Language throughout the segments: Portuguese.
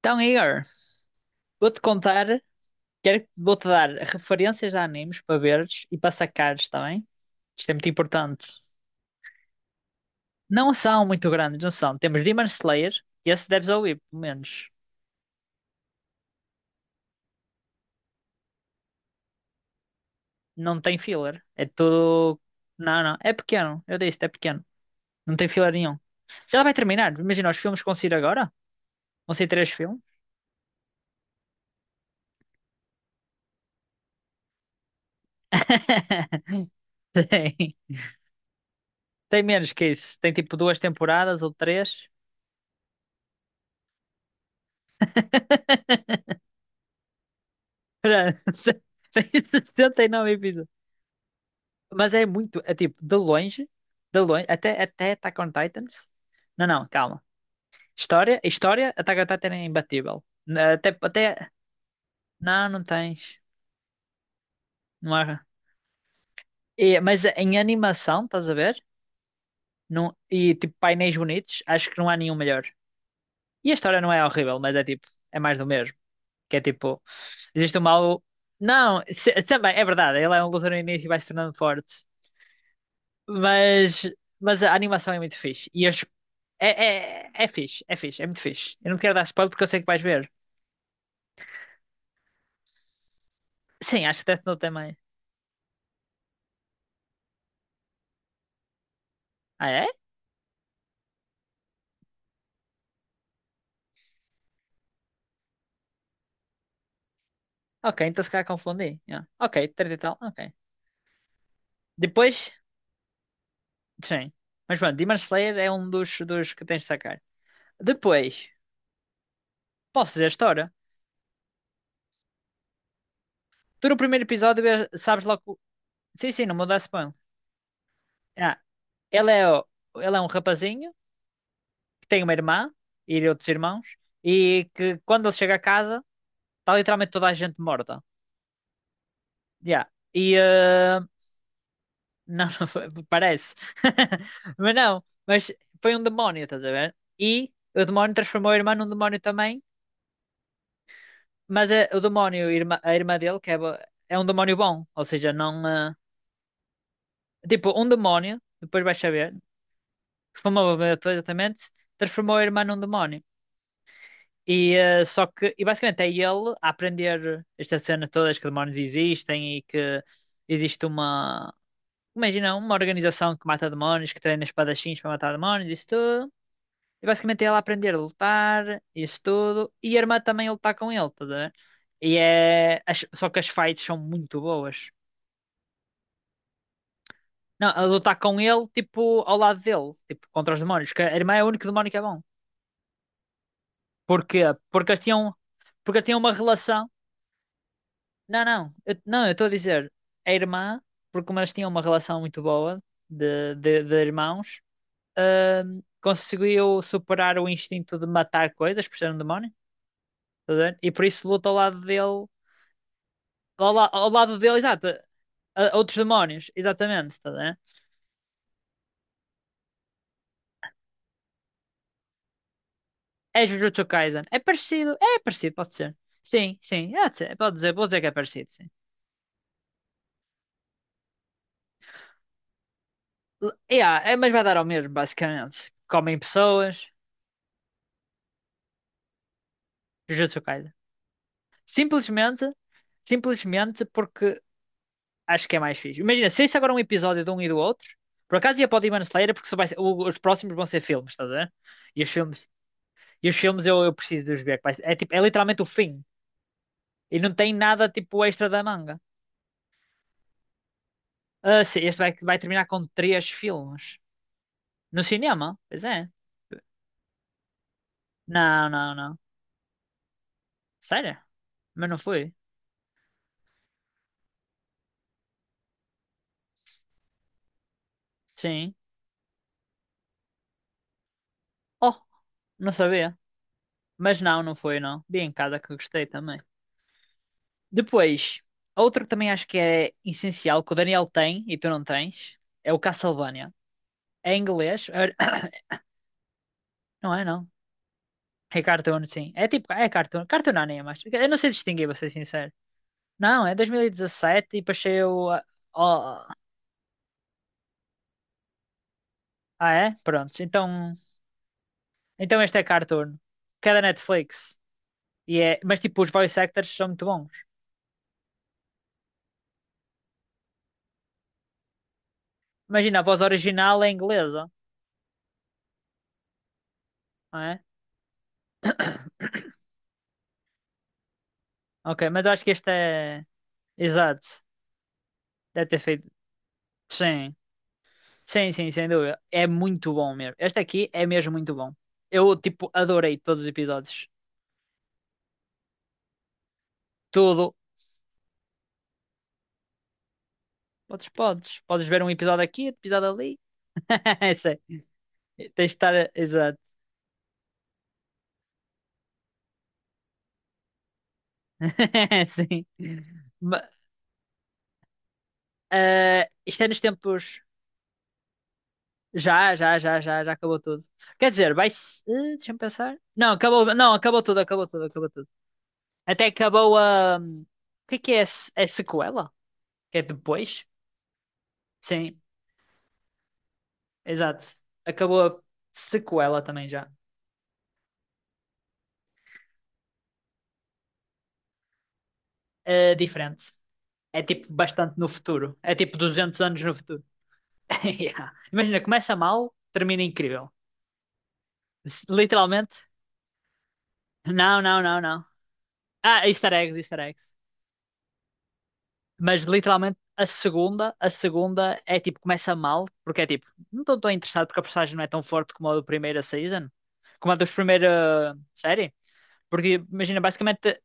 Então, Igor, vou-te contar, quero, vou-te dar referências de animes para veres e para sacares também. Isto é muito importante. Não são muito grandes, não são. Temos Demon Slayer, e esse deves ouvir, pelo menos. Não tem filler. É tudo. Não, não. É pequeno. Eu disse, é pequeno. Não tem filler nenhum. Já vai terminar. Imagina, os filmes que vão sair agora? Vão sair três filmes? Tem. Tem menos que isso. Tem tipo duas temporadas ou três. Espera, tem 69 episódios. Mas é muito, é tipo, de longe, até Attack on Titans. Não, não, calma. História, história, Attack on Titan é imbatível. Não, não tens. Não há. Mas em animação, estás a ver? Não, e tipo, painéis bonitos, acho que não há nenhum melhor. E a história não é horrível, mas é tipo, é mais do mesmo. Que é tipo, existe um mal. Não, também, é verdade, ele é um lutador no início e vai se tornando forte. Mas, mas a animação é muito fixe. E as, é fixe, é muito fixe. Eu não quero dar spoiler porque eu sei que vais ver. Sim, acho que Death Note também. Ah, é? Ok, então se calhar confundi. Yeah. Ok, treta e tal, ok. Depois, sim. Mas pronto, Demon Slayer é um dos que tens de sacar. Depois, posso dizer a história? Tu no primeiro episódio sabes logo. Sim, sim, não muda a spoiler. Ah, ele é, o- ele é um rapazinho que tem uma irmã e outros irmãos e que quando ele chega a casa está literalmente toda a gente morta. Yeah. E não, não foi, parece. Mas não, mas foi um demónio, estás a ver? E o demónio transformou a irmã num demónio também, mas o demónio, a irmã dele, é um demónio bom, ou seja, não. Tipo, um demónio, depois vais saber, transformou exatamente, transformou a irmã num demónio. E só que, e basicamente é ele a aprender esta cena todas que demónios existem e que existe uma. Imagina uma organização que mata demónios, que treina espadachins para matar demónios, isso tudo. E basicamente é ela aprender a lutar, isso tudo. E a irmã também a lutar com ele, tá a ver? Só que as fights são muito boas. Não, a lutar com ele, tipo, ao lado dele, tipo, contra os demónios. Que a irmã é o único demónio que é bom. Porquê? Porque eles tinham. Porque tinham uma relação. Não, não. Eu estou a dizer a irmã, porque como eles tinham uma relação muito boa de irmãos. Conseguiu superar o instinto de matar coisas por ser um demónio, estás a ver? E por isso luta ao lado dele, ao lado dele, exato, outros demónios, exatamente, estás a ver? É Jujutsu Kaisen, é parecido, pode ser. Sim, sim, é, de ser, pode dizer, vou dizer que é parecido, sim. Yeah, é, mas vai dar ao mesmo, basicamente. Comem pessoas, Jujutsu Kaisen. Simplesmente, simplesmente porque acho que é mais fixe. Imagina, se isso agora é um episódio de um e do outro, por acaso ia para o Demon Slayer porque só vai ser- o- os próximos vão ser filmes, estás a ver? E os filmes, e os filmes eu preciso de os ver. É, tipo, é literalmente o fim. E não tem nada tipo extra da manga. Ah, sim, este vai, vai terminar com três filmes. No cinema? Pois é. Não, não, não. Sério? Mas não foi? Sim. Oh, não sabia. Mas não, não foi, não. Vi em casa que gostei também. Depois, outro que também acho que é essencial, que o Daniel tem e tu não tens, é o Castlevania. É em inglês? Não é, não. É cartoon, sim. É tipo, é cartoon. Cartoon anime, mas eu não sei distinguir, vou ser sincero. Não, é 2017 e dezassete e depois saiu... ó- Ah, é? Pronto. Então este é cartoon. Que é da Netflix. E é... Mas tipo, os voice actors são muito bons. Imagina, a voz original é inglesa, não é? Ok, mas eu acho que este é... Exato. Deve ter feito... Sim. Sim, sim, sem dúvida. É muito bom mesmo. Este aqui é mesmo muito bom. Eu, tipo, adorei todos os episódios. Tudo. Podes, podes. Podes ver um episódio aqui, outro episódio ali. Sei. Tens de estar. Exato. Sim. Ma- isto é nos tempos. Já, já, já, já, já acabou tudo. Quer dizer, vai. Se eh, deixa-me pensar. Não, acabou. Não, acabou tudo, acabou tudo, acabou tudo. Até acabou a. O que é que é? A se- a sequela? Que é depois? Sim. Exato. Acabou a sequela também já. É diferente. É tipo bastante no futuro. É tipo 200 anos no futuro. Yeah. Imagina, começa mal, termina incrível. Literalmente. Não, não, não, não. Ah, easter eggs, easter eggs. Mas literalmente a segunda é tipo começa mal, porque é tipo, não estou tão interessado porque a personagem não é tão forte como a dos primeira série. Porque imagina, basicamente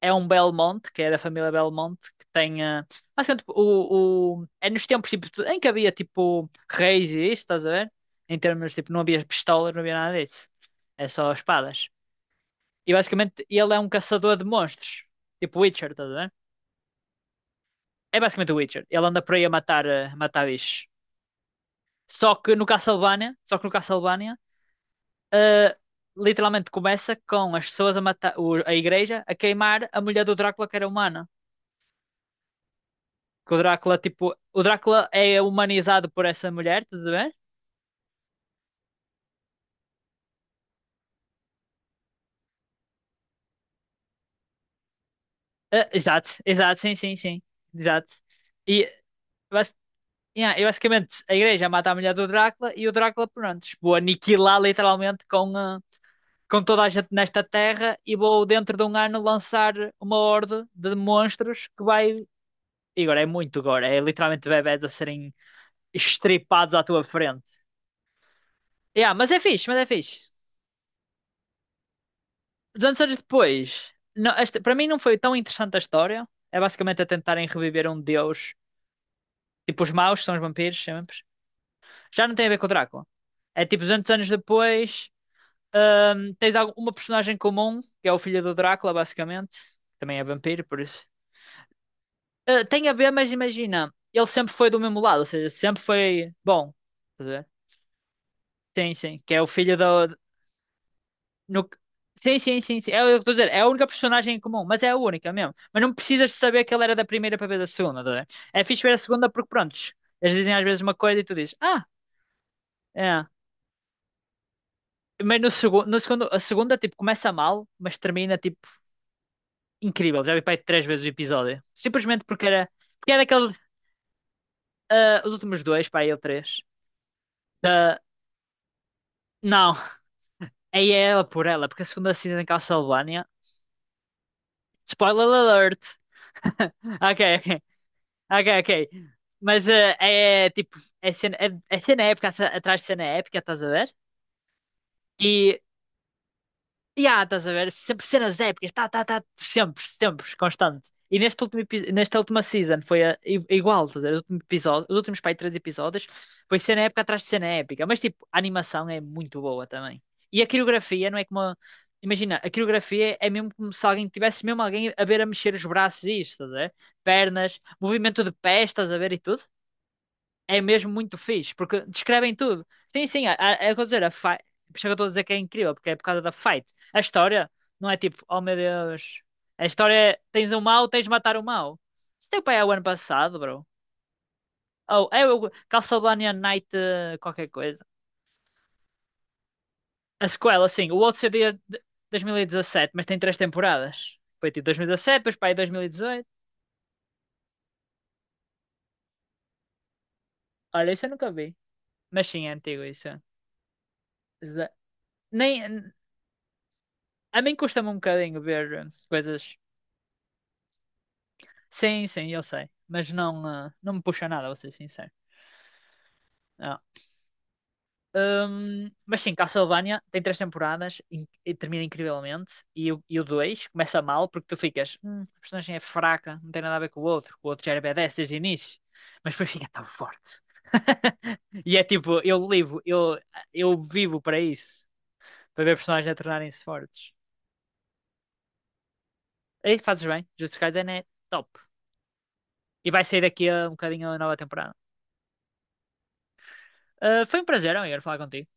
é um Belmonte, que é da família Belmonte, que tem. Basicamente, é nos tempos tipo, em que havia tipo reis e isso, estás a ver? Em termos tipo, não havia pistolas, não havia nada disso. É só espadas. E basicamente, ele é um caçador de monstros, tipo Witcher, estás a ver? É basicamente o Witcher. Ele anda por aí a matar, a matar bichos. Só que no Castlevania, eh, literalmente começa com as pessoas a matar, a igreja a queimar a mulher do Drácula que era humana. Que o Drácula, tipo, o Drácula é humanizado por essa mulher, tudo bem? Ah, exato, exato, sim, sim, sim. Exato. E, bas- yeah, e basicamente a igreja mata a mulher do Drácula e o Drácula, pronto, vou aniquilar literalmente com, ah, com toda a gente nesta terra e vou dentro de um ano lançar uma horde de monstros que vai. E agora é muito gore, é literalmente bebés a serem estripados à tua frente. Yeah, mas é fixe, mas é fixe. 200 anos depois, não, esta, para mim não foi tão interessante a história. É basicamente a tentarem reviver um deus. Tipo, os maus que são os vampiros sempre. Já não tem a ver com o Drácula. É tipo, 200 anos depois, uma personagem comum, que é o filho do Drácula, basicamente. Também é vampiro, por isso. Ah, tem a ver, mas imagina, ele sempre foi do mesmo lado, ou seja, sempre foi bom. Estás a ver? Sim, sim. Que é o filho do, No... Sim, sim, sim, sim. É, o que eu estou a dizer, é a única personagem em comum, mas é a única mesmo. Mas não precisas de saber que ele era da primeira para ver da segunda, tá a ver? É fixe ver a segunda porque, prontos, eles dizem às vezes uma coisa e tu dizes, ah, é. Mas no segundo, no segundo, a segunda, tipo, começa mal, mas termina, tipo, incrível. Já vi, pai, três vezes o episódio. Porque era aquele, ah, os últimos dois, pai, eu três. Da... Não, aí é ela por ela, porque a segunda assina em Castlevania. Spoiler alert! Ok, ok. Ok, ok. Mas é tipo, é cena, é cena épica atrás atrás de cena épica, estás a ver? E, e há, estás a ver? Sempre cenas épicas, tá, tá, tá, sempre, sempre, constante. E nesta última season foi igual, estás a ver? O último episódio, os últimos pai três episódios foi cena épica atrás de cena épica. Mas tipo, a animação é muito boa também. E a coreografia não é como. A- Imagina, a coreografia é mesmo como se alguém tivesse mesmo alguém a ver a mexer os braços e isto, estás a ver? Pernas, movimento de pés, estás a ver e tudo. É mesmo muito fixe, porque descrevem tudo. Sim, sim, é dizer, a fight, por isso é que eu estou a dizer que é incrível, porque é por causa da fight. A história não é tipo, oh meu Deus, a história é, tens um mal, tens de matar o mal. Isso teu pai é o ano passado, bro. Ou é o Castlevania Night qualquer coisa. A sequela, sim, o outro seria de 2017 mas tem três temporadas. Foi tipo 2017, depois para aí 2018. Olha, isso eu nunca vi. Mas sim, é antigo isso. Ze- Nem, a mim custa-me um bocadinho ver coisas. Sim, sim, eu sei. Mas não, ah, não me puxa nada, vou ser sincero. Não. Mas sim, Castlevania tem três temporadas e termina incrivelmente. E o 2 começa mal porque tu ficas, a personagem é fraca, não tem nada a ver com o outro. O outro já era badass desde o início, mas depois fica tão forte. E é tipo, eu vivo para isso, para ver personagens a tornarem-se fortes. E fazes bem, Jujutsu Kaisen é top. E vai sair daqui a um bocadinho a nova temporada. Ah, foi um prazer, amigo, falar contigo.